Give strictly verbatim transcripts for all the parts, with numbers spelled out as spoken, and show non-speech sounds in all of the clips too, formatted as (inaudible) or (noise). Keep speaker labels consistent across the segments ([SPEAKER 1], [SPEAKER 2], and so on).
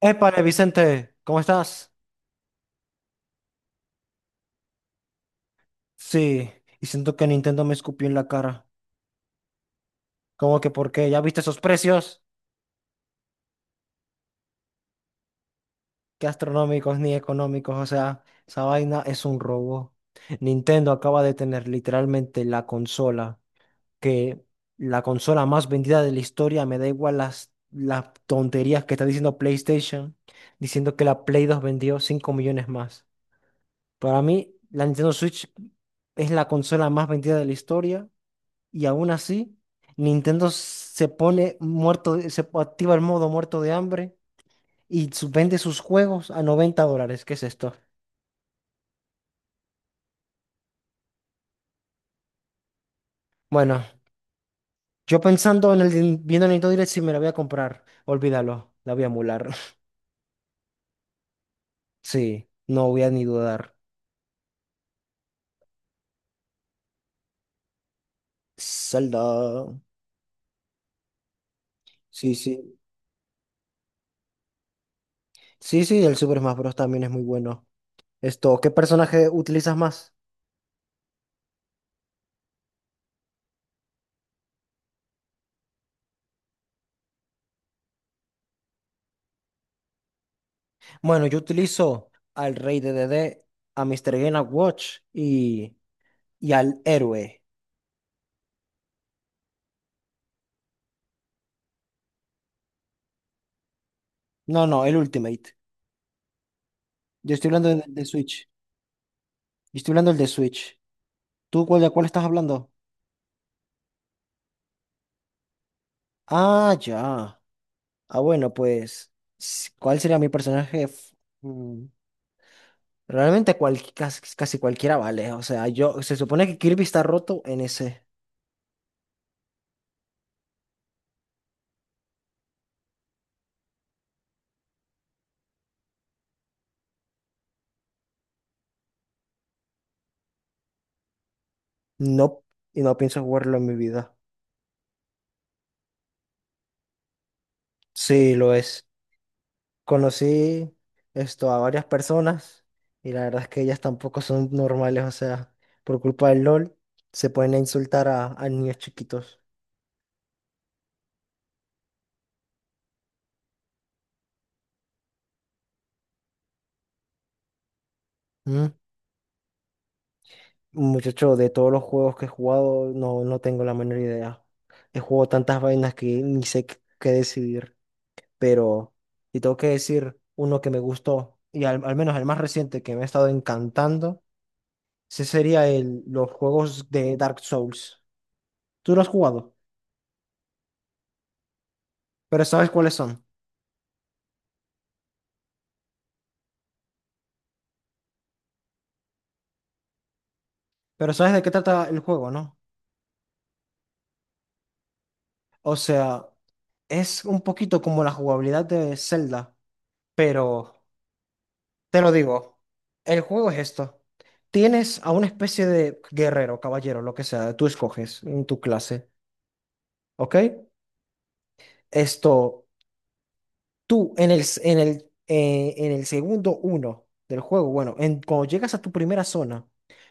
[SPEAKER 1] Épale, Vicente, ¿cómo estás? Sí, y siento que Nintendo me escupió en la cara. ¿Cómo que por qué? ¿Ya viste esos precios? Qué astronómicos ni económicos, o sea, esa vaina es un robo. Nintendo acaba de tener literalmente la consola, que la consola más vendida de la historia, me da igual las, las tonterías que está diciendo PlayStation, diciendo que la Play dos vendió cinco millones más. Para mí, la Nintendo Switch es la consola más vendida de la historia. Y aún así, Nintendo se pone muerto, de- se activa el modo muerto de hambre y su- vende sus juegos a noventa dólares. ¿Qué es esto? Bueno, yo pensando en el din- viendo el Nintendo Direct, si me la voy a comprar, olvídalo, la voy a emular. (laughs) Sí, no voy a ni dudar. Zelda. Sí, sí. Sí, sí, el Super Smash Bros. También es muy bueno. Esto, ¿qué personaje utilizas más? Bueno, yo utilizo al Rey de D D, a mister Game and Watch y, y al héroe. No, no, el Ultimate. Yo estoy hablando del de Switch. Yo estoy hablando del de Switch. ¿Tú cuál, de cuál estás hablando? Ah, ya. Ah, bueno, pues, s- ¿cuál sería mi personaje? f- mm, Realmente cual- casi, casi cualquiera vale. O sea, yo, se supone que Kirby está roto en ese. No, y no pienso jugarlo en mi vida. Sí, lo es. Conocí esto a varias personas y la verdad es que ellas tampoco son normales. O sea, por culpa del LOL se pueden insultar a, a niños chiquitos. Mm, Muchacho, de todos los juegos que he jugado, no, no tengo la menor idea. He jugado tantas vainas que ni sé qué qué decidir. Pero, y tengo que decir uno que me gustó, y al, al menos el más reciente que me ha estado encantando, ese sería el, los juegos de Dark Souls. Tú lo has jugado, pero sabes cuáles son. Pero sabes de qué trata el juego, ¿no? O sea, es un poquito como la jugabilidad de Zelda, pero. Te lo digo, el juego es esto. Tienes a una especie de guerrero, caballero, lo que sea, tú escoges en tu clase, ¿ok? Esto, tú en el, s- en el, eh, en el segundo uno del juego, bueno, en, cuando llegas a tu primera zona,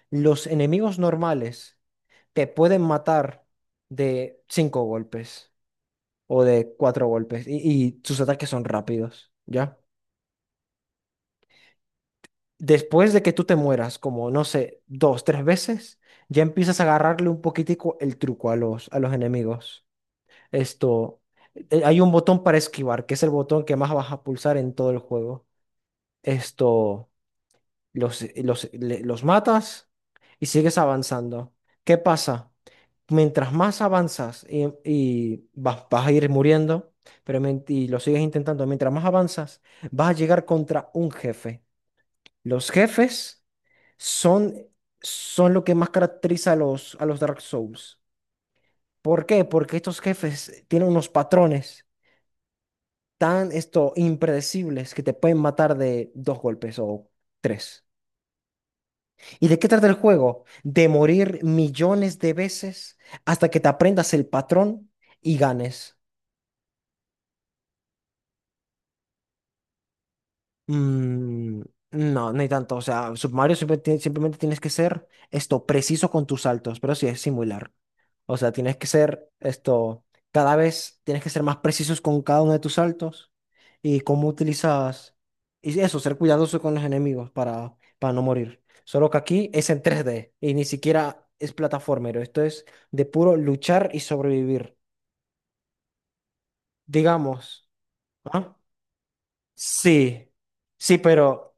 [SPEAKER 1] los enemigos normales te pueden matar de cinco golpes o de cuatro golpes y, y sus ataques son rápidos, ¿ya? Después de que tú te mueras, como no sé, dos, tres veces, ya empiezas a agarrarle un poquitico el truco a los, a los enemigos. Esto, eh, hay un botón para esquivar, que es el botón que más vas a pulsar en todo el juego. Esto, los, los, le- los matas y sigues avanzando. ¿Qué pasa? Mientras más avanzas y, y vas, vas a ir muriendo, pero men- y lo sigues intentando, mientras más avanzas, vas a llegar contra un jefe. Los jefes son, son lo que más caracteriza a los, a los Dark Souls. ¿Por qué? Porque estos jefes tienen unos patrones tan esto, impredecibles que te pueden matar de dos golpes o tres. ¿Y de qué trata el juego? De morir millones de veces hasta que te aprendas el patrón y ganes. Mm, no, no hay tanto. O sea, Super Mario siempre tie- simplemente tienes que ser esto preciso con tus saltos, pero sí es similar. O sea, tienes que ser esto, cada vez tienes que ser más precisos con cada uno de tus saltos y cómo utilizas, y eso, ser cuidadoso con los enemigos para, para no morir. Solo que aquí es en tres d y ni siquiera es plataformero. Esto es de puro luchar y sobrevivir. Digamos, ¿ah? Sí, sí, pero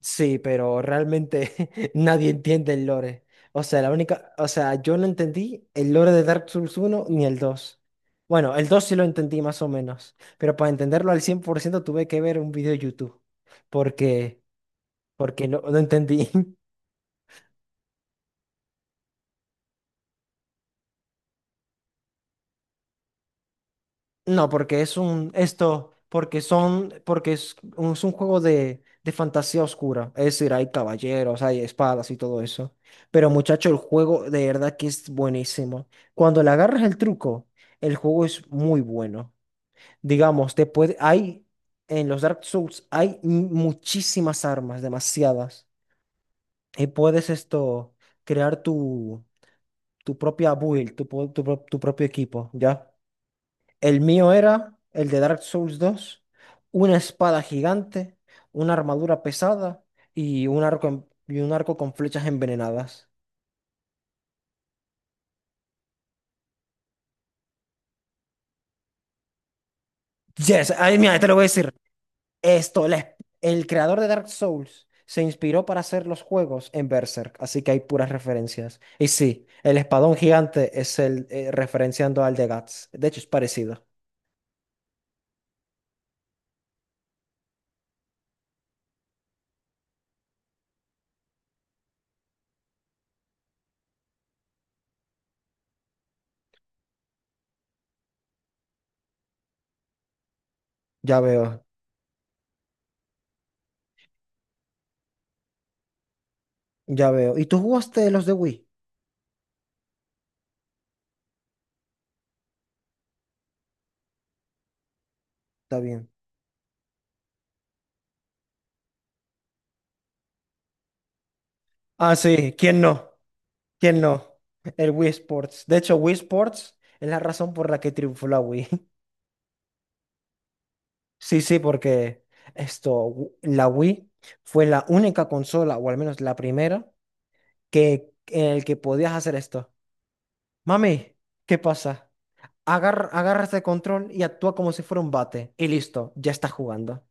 [SPEAKER 1] sí, pero realmente (laughs) nadie entiende el lore. O sea, la única, o sea, yo no entendí el lore de Dark Souls uno ni el dos. Bueno, el dos sí lo entendí más o menos, pero para entenderlo al cien por ciento tuve que ver un video de YouTube, porque porque no, no entendí. No, porque es un, esto, porque son, porque es un, es un juego de, de fantasía oscura. Es decir, hay caballeros, hay espadas y todo eso. Pero muchacho, el juego de verdad que es buenísimo. Cuando le agarras el truco, el juego es muy bueno. Digamos, te puede, hay, en los Dark Souls hay mu- muchísimas armas, demasiadas. Y puedes esto, crear tu, tu propia build, tu, po- tu pro- tu propio equipo, ¿ya? El mío era el de Dark Souls dos, una espada gigante, una armadura pesada y un arco, en- y un arco con flechas envenenadas. Yes, ay, mira, te lo voy a decir. Esto, la- el creador de Dark Souls se inspiró para hacer los juegos en Berserk, así que hay puras referencias. Y sí, el espadón gigante es el eh, referenciando al de Guts. De hecho, es parecido. Ya veo, ya veo. ¿Y tú jugaste los de Wii? Está bien. Ah, sí, ¿quién no? ¿Quién no? El Wii Sports. De hecho, Wii Sports es la razón por la que triunfó la Wii. (laughs) Sí, sí, porque esto, Wi- la Wii fue la única consola, o al menos la primera, que, en el que podías hacer esto. Mami, ¿qué pasa? Agarra, agarra este control y actúa como si fuera un bate. Y listo, ya estás jugando.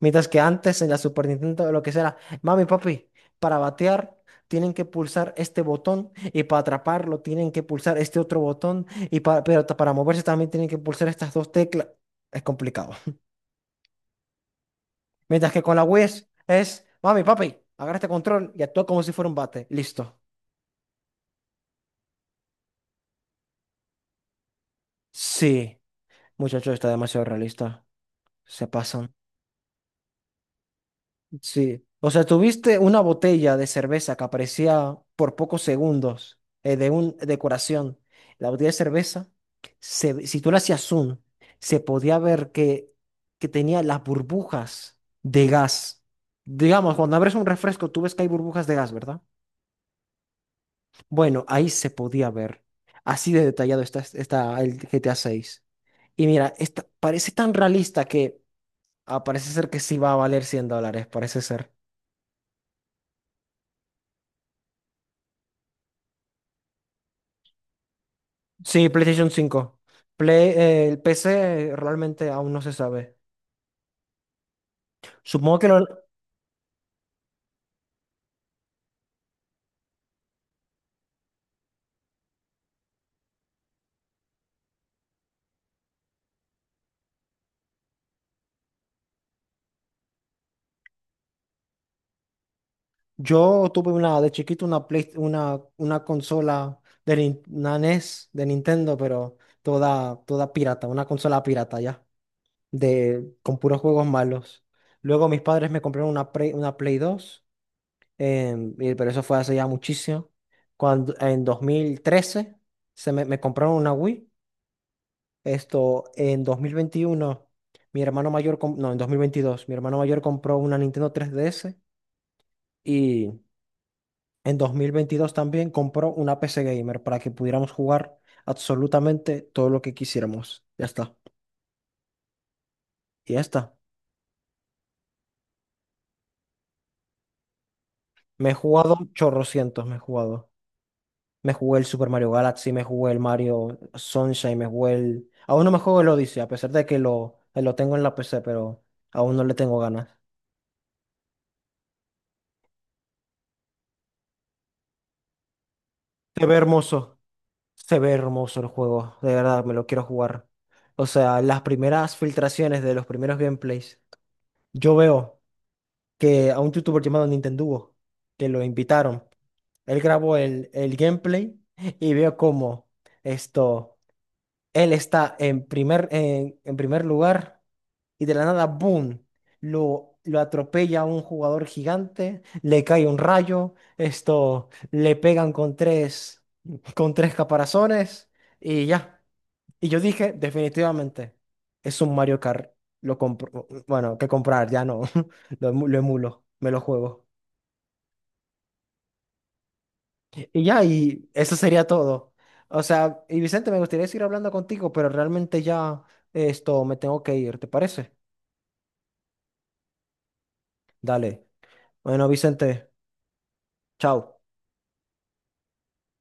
[SPEAKER 1] Mientras que antes en la Super Nintendo lo que será, mami, papi, para batear tienen que pulsar este botón y para atraparlo tienen que pulsar este otro botón y para, pero ta- para moverse también tienen que pulsar estas dos teclas. Es complicado. (laughs) Mientras que con la Wii es, es, mami, papi, agarra este control y actúa como si fuera un bate. Listo. Sí, muchacho, está demasiado realista. Se pasan. Sí, o sea, tuviste una botella de cerveza que aparecía por pocos segundos eh, de un decoración. La botella de cerveza, se- si tú la hacías zoom, se podía ver que, que tenía las burbujas de gas. Digamos, cuando abres un refresco, tú ves que hay burbujas de gas, ¿verdad? Bueno, ahí se podía ver. Así de detallado está, está el G T A seis. Y mira, esta, parece tan realista que ah, parece ser que sí va a valer cien dólares, parece ser. Sí, PlayStation cinco. Play, eh, el P C realmente aún no se sabe. Supongo que lo- yo tuve una de chiquito una Play- una, una consola de Nin- una N E S de Nintendo, pero toda, toda pirata, una consola pirata ya, de, con puros juegos malos. Luego mis padres me compraron una Play, una Play dos, em, y- pero eso fue hace ya muchísimo. Cuando, en dos mil trece se me, me compraron una Wii. Esto, en dos mil veintiuno mi hermano mayor, com- no, en dos mil veintidós mi hermano mayor compró una Nintendo tres D S y en dos mil veintidós también compró una P C Gamer para que pudiéramos jugar absolutamente todo lo que quisiéramos. Ya está. Y ya está. Me he jugado chorrocientos, me he jugado. Me jugué el Super Mario Galaxy, me jugué el Mario Sunshine, me jugué el... Aún no me juego el Odyssey, a pesar de que lo, lo tengo en la P C, pero aún no le tengo ganas. Te ve hermoso. Se ve hermoso el juego, de verdad, me lo quiero jugar. O sea, las primeras filtraciones de los primeros gameplays, yo veo que a un youtuber llamado Nintendugo, que lo invitaron, él grabó el, el gameplay y veo cómo esto, él está en primer, en, en primer lugar y de la nada, boom, lo, lo atropella a un jugador gigante, le cae un rayo, esto, le pegan con tres, con tres caparazones y ya. Y yo dije, definitivamente, es un Mario Kart. Lo compro, bueno, que comprar, ya no. (laughs) Lo, emu- lo emulo, me lo juego. Y ya, y eso sería todo. O sea, y Vicente, me gustaría seguir hablando contigo, pero realmente ya esto me tengo que ir, ¿te parece? Dale. Bueno, Vicente, chao.